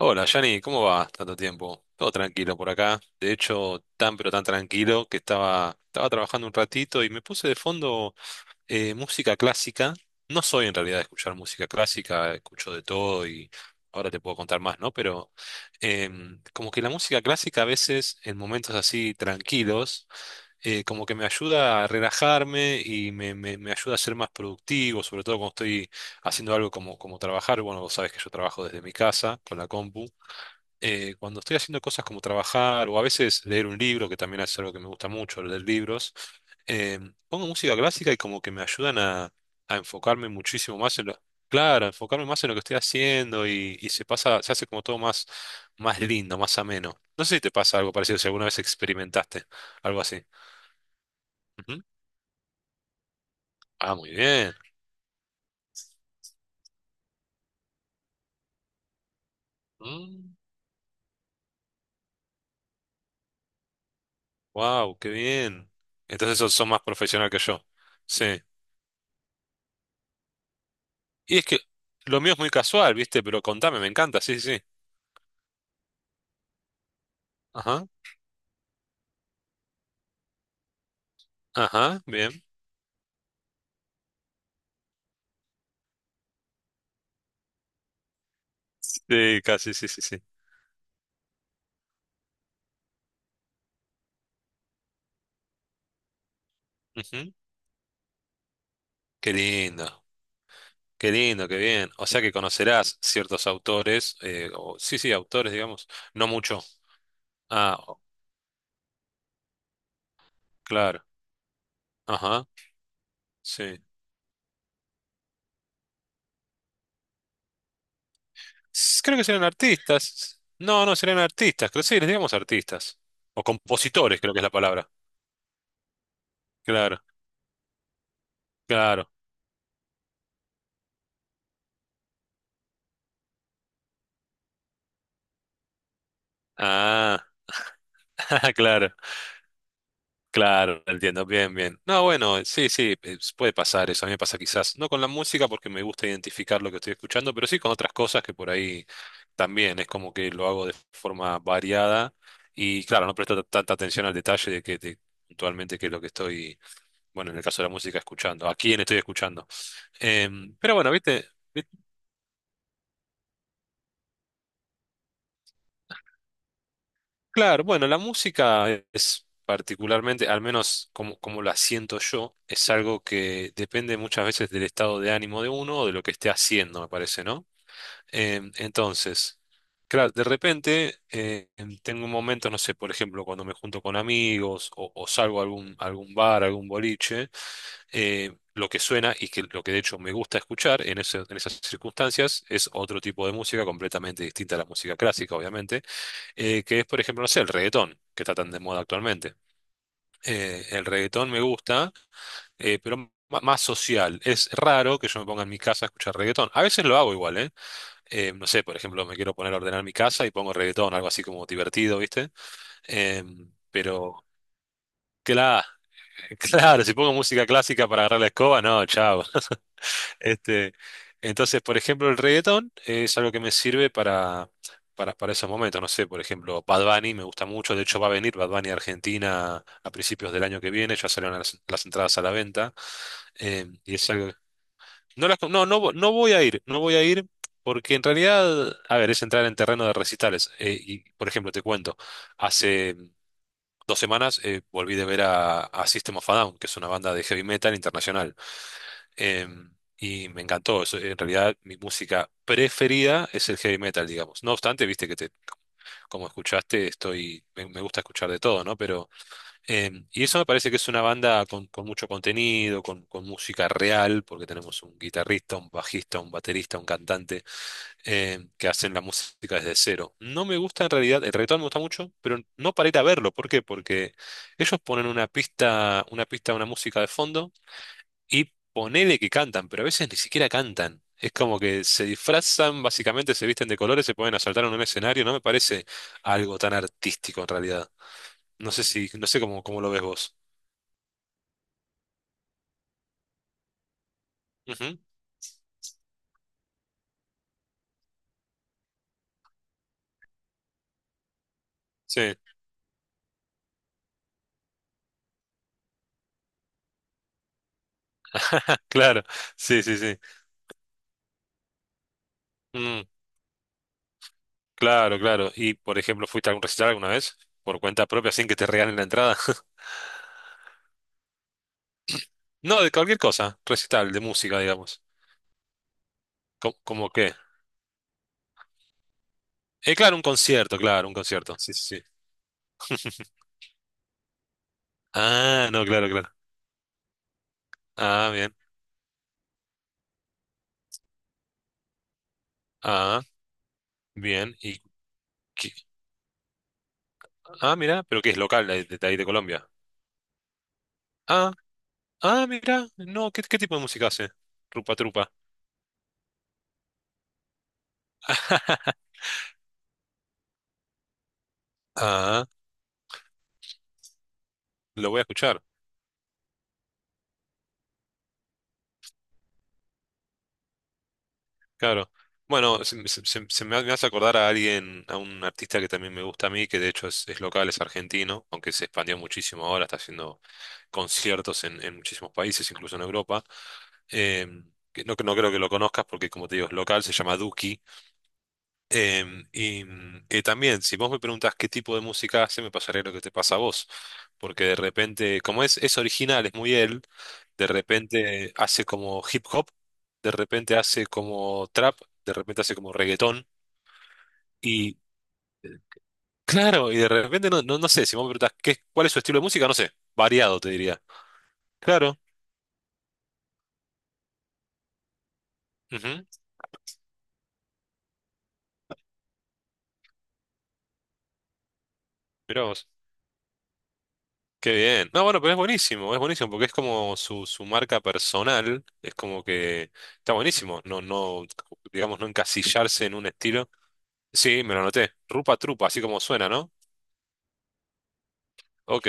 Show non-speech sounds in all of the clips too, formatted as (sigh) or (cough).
Hola, Yanni, ¿cómo va? Tanto tiempo. Todo tranquilo por acá. De hecho, tan pero tan tranquilo que estaba trabajando un ratito y me puse de fondo música clásica. No soy en realidad de escuchar música clásica, escucho de todo y ahora te puedo contar más, ¿no? Pero como que la música clásica a veces, en momentos así tranquilos, como que me ayuda a relajarme y me ayuda a ser más productivo, sobre todo cuando estoy haciendo algo como trabajar. Bueno, vos sabés que yo trabajo desde mi casa con la compu. Cuando estoy haciendo cosas como trabajar o a veces leer un libro, que también es algo que me gusta mucho, leer libros, eh, pongo música clásica y como que me ayudan a enfocarme muchísimo más en lo, claro, a enfocarme más en lo que estoy haciendo y se pasa, se hace como todo más, más lindo, más ameno. No sé si te pasa algo parecido, si alguna vez experimentaste algo así. Ujú. Ah, muy bien. Wow, qué bien. Entonces sos más profesional que yo. Sí. Y es que lo mío es muy casual, ¿viste? Pero contame, me encanta, sí, sí. Sí. Ajá, ajá, bien. Sí, casi, sí, sí, sí. Ujú. Qué lindo, qué lindo, qué bien. O sea que conocerás ciertos autores, o, sí, sí, autores, digamos, no mucho. Ah, claro, ajá, sí. Creo que serán artistas. No, no, serán artistas, creo sí, les digamos artistas. O compositores, creo que es la palabra. Claro, claro. Ah, (laughs) claro. Claro, entiendo bien, bien. No, bueno, sí, sí, puede pasar eso. A mí me pasa quizás, no con la música porque me gusta identificar lo que estoy escuchando, pero sí con otras cosas que por ahí también es como que lo hago de forma variada y claro, no presto tanta atención al detalle de que puntualmente qué es lo que estoy, bueno, en el caso de la música escuchando, a quién estoy escuchando. Pero bueno, viste. Claro, bueno, la música es particularmente, al menos como, como la siento yo, es algo que depende muchas veces del estado de ánimo de uno o de lo que esté haciendo, me parece, ¿no? Entonces, claro, de repente tengo momentos, no sé, por ejemplo, cuando me junto con amigos o salgo a algún bar, a algún boliche, lo que suena y que lo que de hecho me gusta escuchar en esas circunstancias es otro tipo de música completamente distinta a la música clásica, obviamente que es, por ejemplo, no sé, el reggaetón, que está tan de moda actualmente. El reggaetón me gusta, pero más social. Es raro que yo me ponga en mi casa a escuchar reggaetón. A veces lo hago igual, ¿eh? No sé, por ejemplo, me quiero poner a ordenar mi casa y pongo reggaetón, algo así como divertido, ¿viste? Pero, claro, (laughs) claro, si pongo música clásica para agarrar la escoba, no, chao. Este, entonces, por ejemplo, el reggaetón es algo que me sirve para esos momentos. No sé, por ejemplo, Bad Bunny me gusta mucho. De hecho, va a venir Bad Bunny a Argentina a principios del año que viene. Ya salieron las entradas a la venta. Eh, y es algo- No, no, no, no voy a ir, no voy a ir porque en realidad, a ver, es entrar en terreno de recitales. Y, por ejemplo, te cuento, hace 2 semanas volví de ver a, System of a Down, que es una banda de heavy metal internacional. Em, y me encantó. Eso, en realidad, mi música preferida es el heavy metal, digamos. No obstante, viste que te, como escuchaste, estoy, me gusta escuchar de todo, ¿no? Pero, y eso me parece que es una banda con, mucho contenido, con música real, porque tenemos un guitarrista, un bajista, un baterista, un cantante, que hacen la música desde cero. No me gusta en realidad, el reggaetón me gusta mucho, pero no para ir a verlo. ¿Por qué? Porque ellos ponen una pista, una música de fondo y ponele que cantan, pero a veces ni siquiera cantan. Es como que se disfrazan, básicamente se visten de colores, se pueden asaltar en un escenario. No me parece algo tan artístico en realidad. No sé cómo lo ves vos. Ujú. Sí, (laughs) claro, sí, sí, sí. Mm, claro, claro. Y por ejemplo, ¿fuiste a algún recital alguna vez? Por cuenta propia, sin que te regalen la entrada. (laughs) No, de cualquier cosa, recital, de música, digamos. ¿Cómo qué? Claro, un concierto, claro, un concierto. Sí, sí, sí. (laughs) Ah, no, claro, claro. Ah, bien. ah Bien, qué- mira, pero que es local de, ahí de Colombia. Ah, ah, mira, no, ¿qué tipo de música hace? Rupa Trupa. (laughs) Ah, lo voy a escuchar, claro. Bueno, me hace acordar a alguien, a un artista que también me gusta a mí, que de hecho es local, es argentino, aunque se expandió muchísimo ahora, está haciendo conciertos en muchísimos países, incluso en Europa. Eh, que no, no creo que lo conozcas porque, como te digo, es local, se llama Duki. Y también, si vos me preguntás qué tipo de música hace, me pasaría lo que te pasa a vos, porque de repente, como es original, es muy él, de repente hace como hip hop, de repente hace como trap, de repente hace como reggaetón, y claro, y de repente no, no, no sé, si vos me preguntás cuál es su estilo de música, no sé, variado te diría. Claro, ujú, mirá vos. Qué bien. No, bueno, pero es buenísimo, porque es como su marca personal, es como que está buenísimo, no, no, digamos, no encasillarse en un estilo. Sí, me lo anoté. Rupa Trupa, así como suena, ¿no? Ok.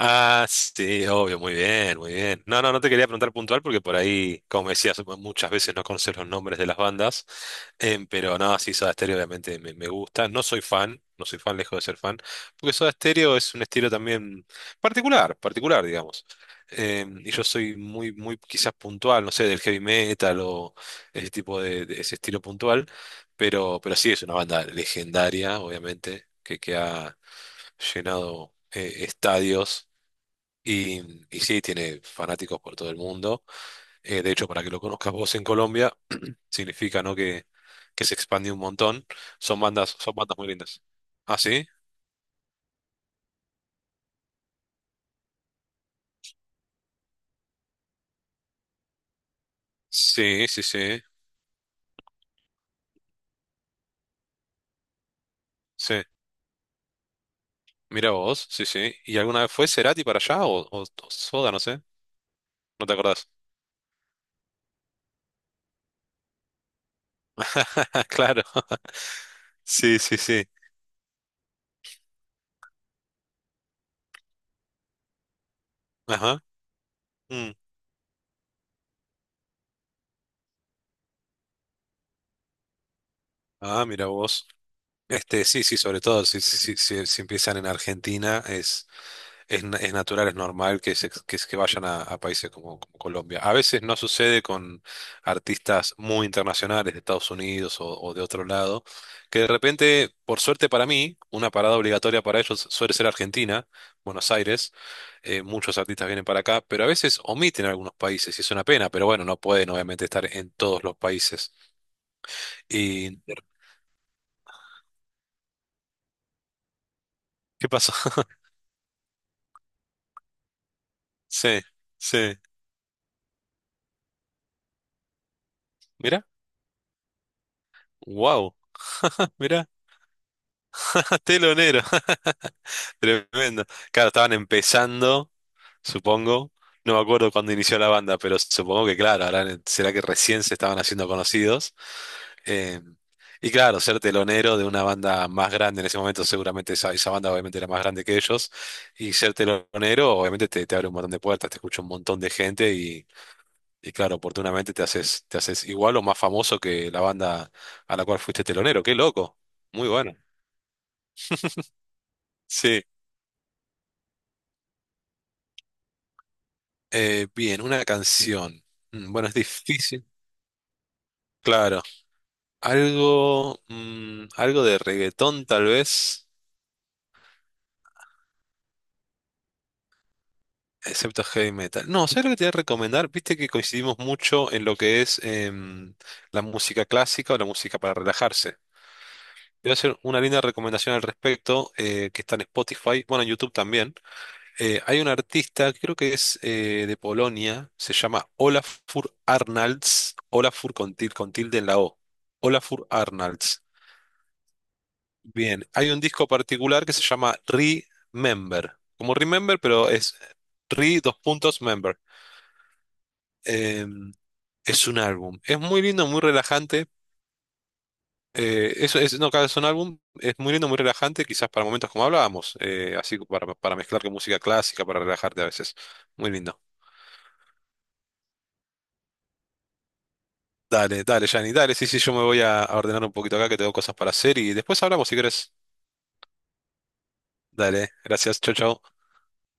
Ah, sí, obvio, muy bien, muy bien. No, no, no te quería preguntar puntual porque por ahí, como decías, muchas veces no conoces los nombres de las bandas, pero no, sí, Soda Stereo obviamente me gusta. No soy fan, no soy fan, lejos de ser fan, porque Soda Stereo es un estilo también particular, particular, digamos. Y yo soy muy, muy quizás puntual, no sé, del heavy metal o ese tipo de ese estilo puntual, pero sí es una banda legendaria, obviamente, que ha llenado estadios y, y sí, tiene fanáticos por todo el mundo. De hecho, para que lo conozcas vos en Colombia, significa, ¿no? que se expande un montón. Son bandas muy lindas. ¿Ah, sí? Sí, sí, sí, sí. Mira vos, sí, sí. ¿Y alguna vez fue Cerati para allá o Soda, no sé? ¿No te acordás? (laughs) Claro. Sí, sí, sí. Ajá. Mm. Ah, mira vos. Sí, sí, sobre todo, si, si, si, si empiezan en Argentina, es natural, es normal que vayan a países como Colombia. A veces no sucede con artistas muy internacionales de Estados Unidos o de otro lado, que de repente, por suerte para mí, una parada obligatoria para ellos suele ser Argentina, Buenos Aires. Muchos artistas vienen para acá, pero a veces omiten algunos países y es una pena, pero bueno, no pueden obviamente estar en todos los países. ¿Y qué pasó? (laughs) Sí, sí. Mira, wow, mira, (laughs) telonero. (laughs) Tremendo. Claro, estaban empezando, supongo. No me acuerdo cuándo inició la banda, pero supongo que, claro, ahora será que recién se estaban haciendo conocidos. Eh, y claro, ser telonero de una banda más grande en ese momento, seguramente esa banda obviamente era más grande que ellos. Y ser telonero, obviamente, te abre un montón de puertas, te escucha un montón de gente y claro, oportunamente te haces igual o más famoso que la banda a la cual fuiste telonero. Qué loco. Muy bueno. Sí. Bien, una canción. Bueno, es difícil. Claro. Algo de reggaetón tal vez, excepto heavy metal. No, ¿sabes lo que te voy a recomendar? Viste que coincidimos mucho en lo que es la música clásica o la música para relajarse. Te voy a hacer una linda recomendación al respecto que está en Spotify, bueno, en YouTube también. Hay un artista, creo que es de Polonia, se llama Olafur Arnalds, Olafur con con tilde en la O. Olafur Arnalds. Bien, hay un disco particular que se llama Remember, como Remember, pero es Re:Member. Eh, es un álbum, es muy lindo, muy relajante. No, claro, es un álbum, es muy lindo, muy relajante, quizás para momentos como hablábamos, así para mezclar con música clásica, para relajarte a veces. Muy lindo. Dale, dale, Jani, dale, sí, sí, yo me voy a ordenar un poquito acá que tengo cosas para hacer y después hablamos si querés. Dale, gracias, chau, chau.